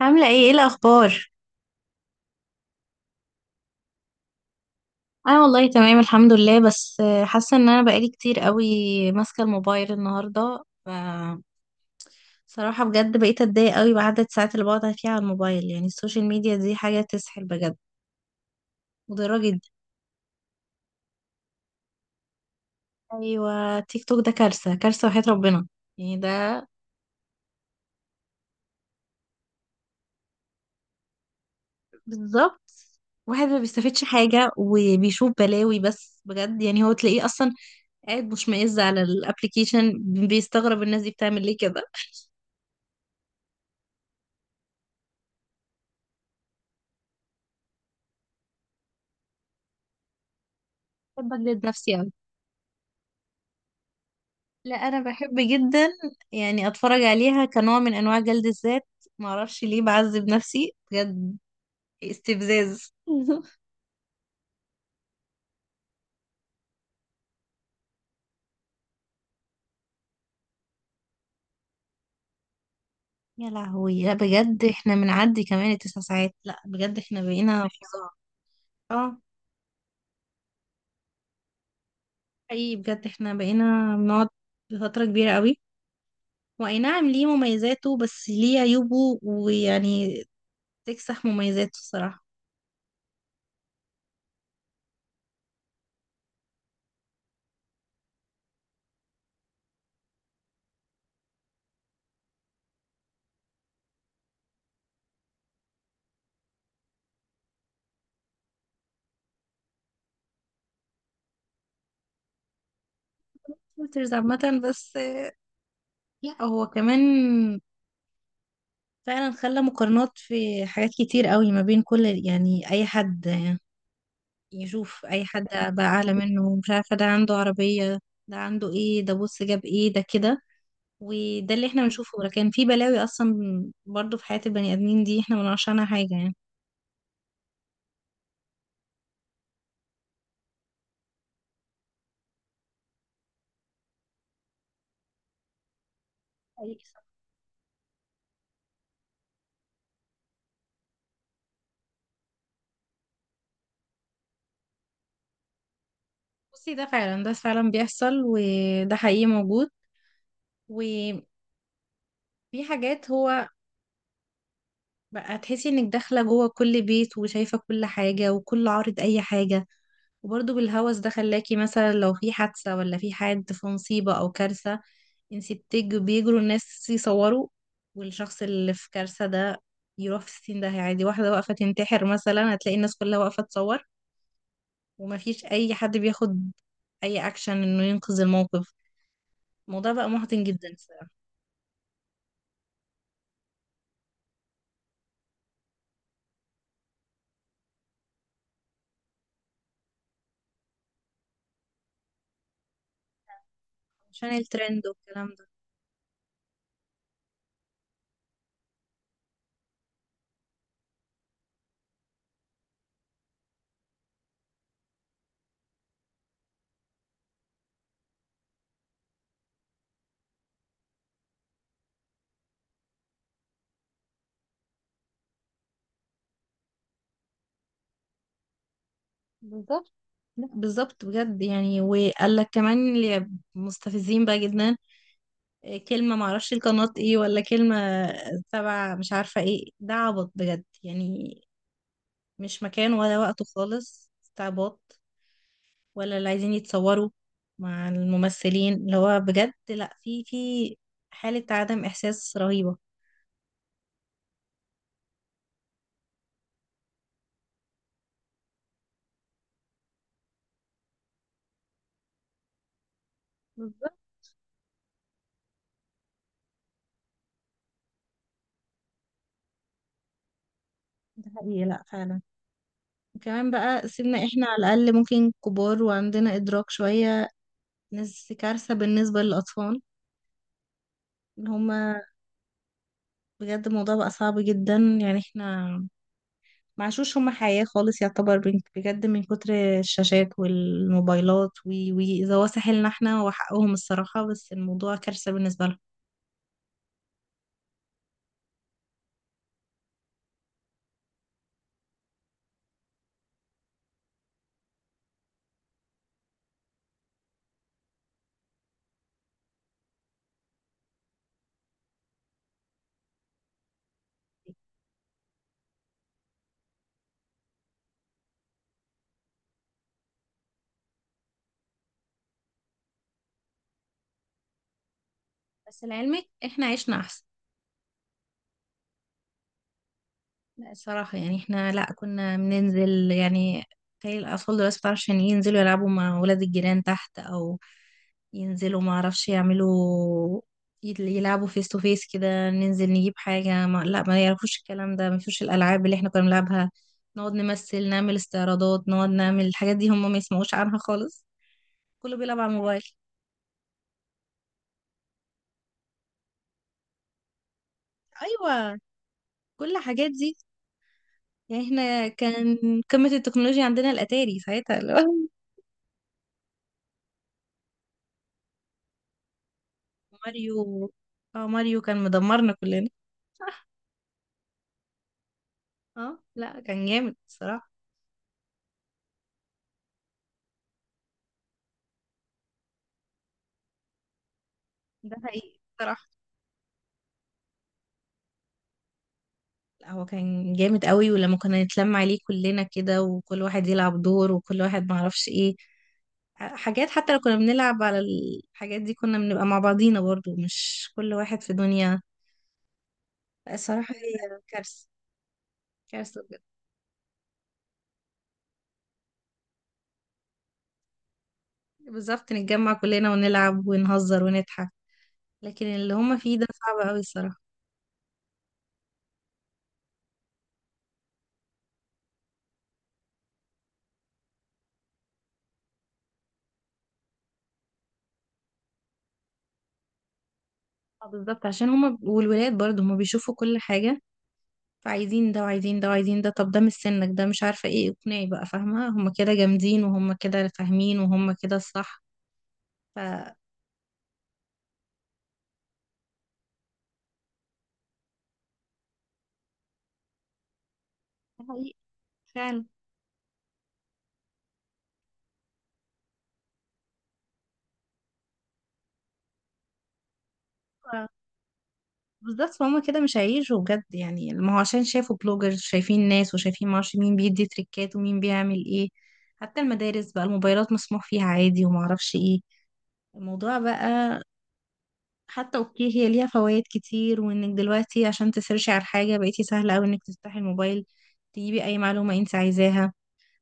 عاملة ايه الأخبار؟ أنا والله تمام الحمد لله. بس حاسة إن أنا بقالي كتير قوي ماسكة الموبايل النهاردة صراحة بجد بقيت أتضايق قوي بعدد الساعات اللي بقعد فيها على الموبايل. يعني السوشيال ميديا دي حاجة تسحل بجد، مضرة جدا. أيوة، تيك توك ده كارثة كارثة وحياة ربنا. يعني ده بالظبط، واحد ما بيستفادش حاجة وبيشوف بلاوي بس. بجد يعني هو تلاقيه أصلا قاعد مشمئز على الابليكيشن، بيستغرب الناس دي بتعمل ليه كده. بحب أجلد نفسي أوي. لا انا بحب جدا يعني اتفرج عليها كنوع من انواع جلد الذات. معرفش ليه بعذب نفسي بجد، استفزاز. يا لهوي، لا بجد احنا بنعدي كمان التسع ساعات، لا بجد احنا بقينا فظاع. اه، اي بجد احنا بقينا بنقعد فترة كبيرة قوي. واي نعم، ليه مميزاته بس ليه عيوبه، ويعني تكسح مميزاته الصراحة. فلترز عامة بس. لا هو كمان فعلا خلى مقارنات في حاجات كتير قوي ما بين كل، يعني اي حد يشوف اي حد بقى اعلى منه. مش عارفه ده عنده عربيه، ده عنده ايه، ده بص جاب ايه ده كده. وده اللي احنا بنشوفه، لكن في بلاوي اصلا برضو في حياه البني ادمين دي احنا ما نعرفش عنها حاجه يعني. حقيقي صح. بصي، ده فعلا بيحصل، وده حقيقي موجود. وفي حاجات هو بقى تحسي انك داخلة جوه كل بيت، وشايفة كل حاجة وكل عارض اي حاجة. وبرضه بالهوس ده خلاكي مثلا لو في حادثة، ولا في حد في مصيبة او كارثة، انتي بيجروا الناس يصوروا، والشخص اللي في كارثة ده يروح في السين ده عادي. واحدة واقفة تنتحر مثلا، هتلاقي الناس كلها واقفة تصور، ومفيش اي حد بياخد اي اكشن انه ينقذ الموقف. الموضوع بقى محزن جدا الصراحة. عشان الترند والكلام ده. بالظبط، لا بالظبط بجد يعني، وقال لك كمان اللي مستفزين بقى جدا، إيه كلمة معرفش القناة ايه ولا كلمة تبع مش عارفة ايه. ده عبط بجد يعني، مش مكان ولا وقته خالص، استعباط. ولا اللي عايزين يتصوروا مع الممثلين، اللي هو بجد لا في حالة عدم إحساس رهيبة. بالظبط، ده حقيقي لا فعلا. وكمان بقى سيبنا احنا على الأقل ممكن كبار وعندنا إدراك شوية ناس، كارثة بالنسبة للأطفال ان هما. بجد الموضوع بقى صعب جدا يعني. احنا معشوش هما حياة خالص، يعتبر بجد من كتر الشاشات والموبايلات وي إذا هو ساحلنا احنا، وحقهم الصراحة. بس الموضوع كارثة بالنسبة لهم. بس لعلمك احنا عشنا أحسن. لا الصراحة يعني احنا، لا كنا بننزل يعني. تخيل الأطفال دلوقتي مبتعرفش عشان ينزلوا يلعبوا مع ولاد الجيران تحت، أو ينزلوا معرفش يعملوا، يلعبوا فيس تو فيس كده، ننزل نجيب حاجة، ما لا ما يعرفوش الكلام ده. ما فيش الألعاب اللي احنا كنا بنلعبها، نقعد نمثل، نعمل استعراضات، نقعد نعمل الحاجات دي. هم ما يسمعوش عنها خالص، كله بيلعب على الموبايل. أيوة، كل الحاجات دي. يعني احنا كان قمة التكنولوجيا عندنا الأتاري ساعتها. ماريو، اه ماريو كان مدمرنا كلنا. اه لا، كان جامد الصراحة. ده حقيقي الصراحة. لا هو كان جامد قوي، ولما كنا نتلم عليه كلنا كده، وكل واحد يلعب دور، وكل واحد معرفش ايه حاجات. حتى لو كنا بنلعب على الحاجات دي، كنا بنبقى مع بعضينا برضو، مش كل واحد في دنيا. لا، الصراحة هي كارثة، كارثة بجد. بالظبط، نتجمع كلنا ونلعب ونهزر ونضحك، لكن اللي هما فيه ده صعب قوي الصراحة. آه بالظبط، عشان هما والولاد برضو هما بيشوفوا كل حاجة، فعايزين ده وعايزين ده وعايزين ده. طب ده مش سنك، ده مش عارفة ايه، اقنعي بقى فاهمة. هما كده جامدين وهما كده فاهمين وهما كده الصح. ف ده حقيقي فعلا. ف- بالظبط، فهم كده مش هيعيشوا بجد يعني. ما هو عشان شافوا بلوجرز، شايفين ناس وشايفين معرفش مين بيدي تريكات ومين بيعمل ايه. حتى المدارس بقى الموبايلات مسموح فيها عادي ومعرفش ايه، الموضوع بقى. حتى اوكي، هي ليها فوائد كتير، وانك دلوقتي عشان تسيرشي على حاجة بقيتي سهلة اوي انك تفتحي الموبايل، تجيبي اي معلومة انت عايزاها.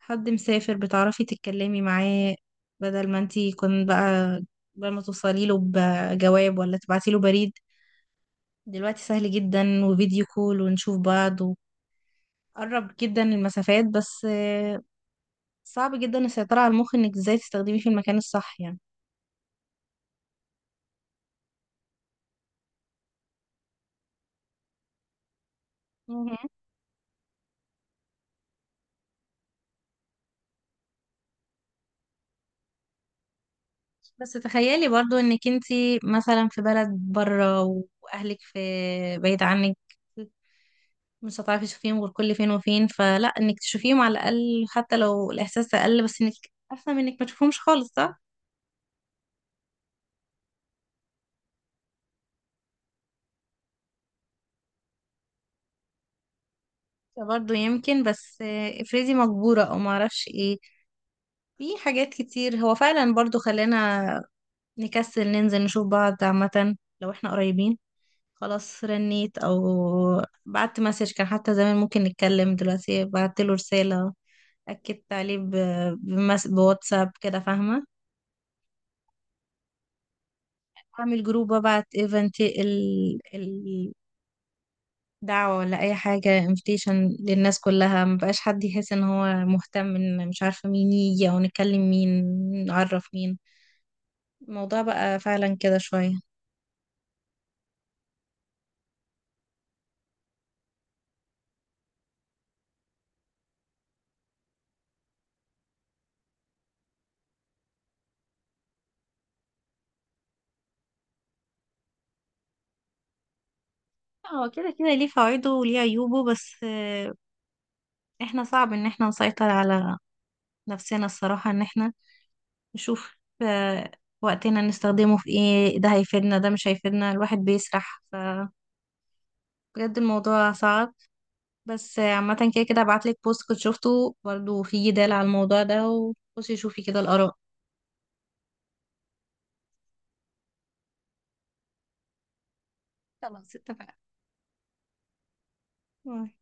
حد مسافر بتعرفي تتكلمي معاه، بدل ما انتي كنت بقى، بدل ما توصلي له بجواب ولا تبعتي له بريد، دلوقتي سهل جدا، وفيديو كول ونشوف بعض، وقرب جدا المسافات. بس صعب جدا السيطرة على المخ انك ازاي تستخدميه في المكان الصح يعني. بس تخيلي برضو انك انتي مثلا في بلد بره، واهلك في بعيد عنك، مش هتعرفي تشوفيهم غير كل فين وفين. فلا انك تشوفيهم على الاقل، حتى لو الاحساس اقل، بس انك احسن من انك ما تشوفهمش خالص، صح؟ برضه يمكن. بس افرضي مجبورة، او ما اعرفش ايه. في حاجات كتير هو فعلا برضه خلانا نكسل ننزل نشوف بعض عامة. لو احنا قريبين، خلاص رنيت، او بعت مسج. كان حتى زمان ممكن نتكلم، دلوقتي بعت له رسالة، اكدت عليه بواتساب كده فاهمه. اعمل جروب وابعت ايفنت، دعوة، ولا اي حاجة، انفيتيشن للناس كلها. مبقاش حد يحس ان هو مهتم ان مش عارفة مين يجي، او نكلم مين، نعرف مين. الموضوع بقى فعلا كده شوية. هو كده كده ليه فوائده وليه عيوبه. بس احنا صعب ان احنا نسيطر على نفسنا الصراحة، ان احنا نشوف آه، وقتنا نستخدمه في ايه، ده هيفيدنا ده مش هيفيدنا. الواحد بيسرح بجد، الموضوع صعب. بس عامة كده كده هبعتلك بوست كنت شفته برضو، في جدال على الموضوع ده، وخشي شوفي كده الآراء. خلاص اتفقنا. باي.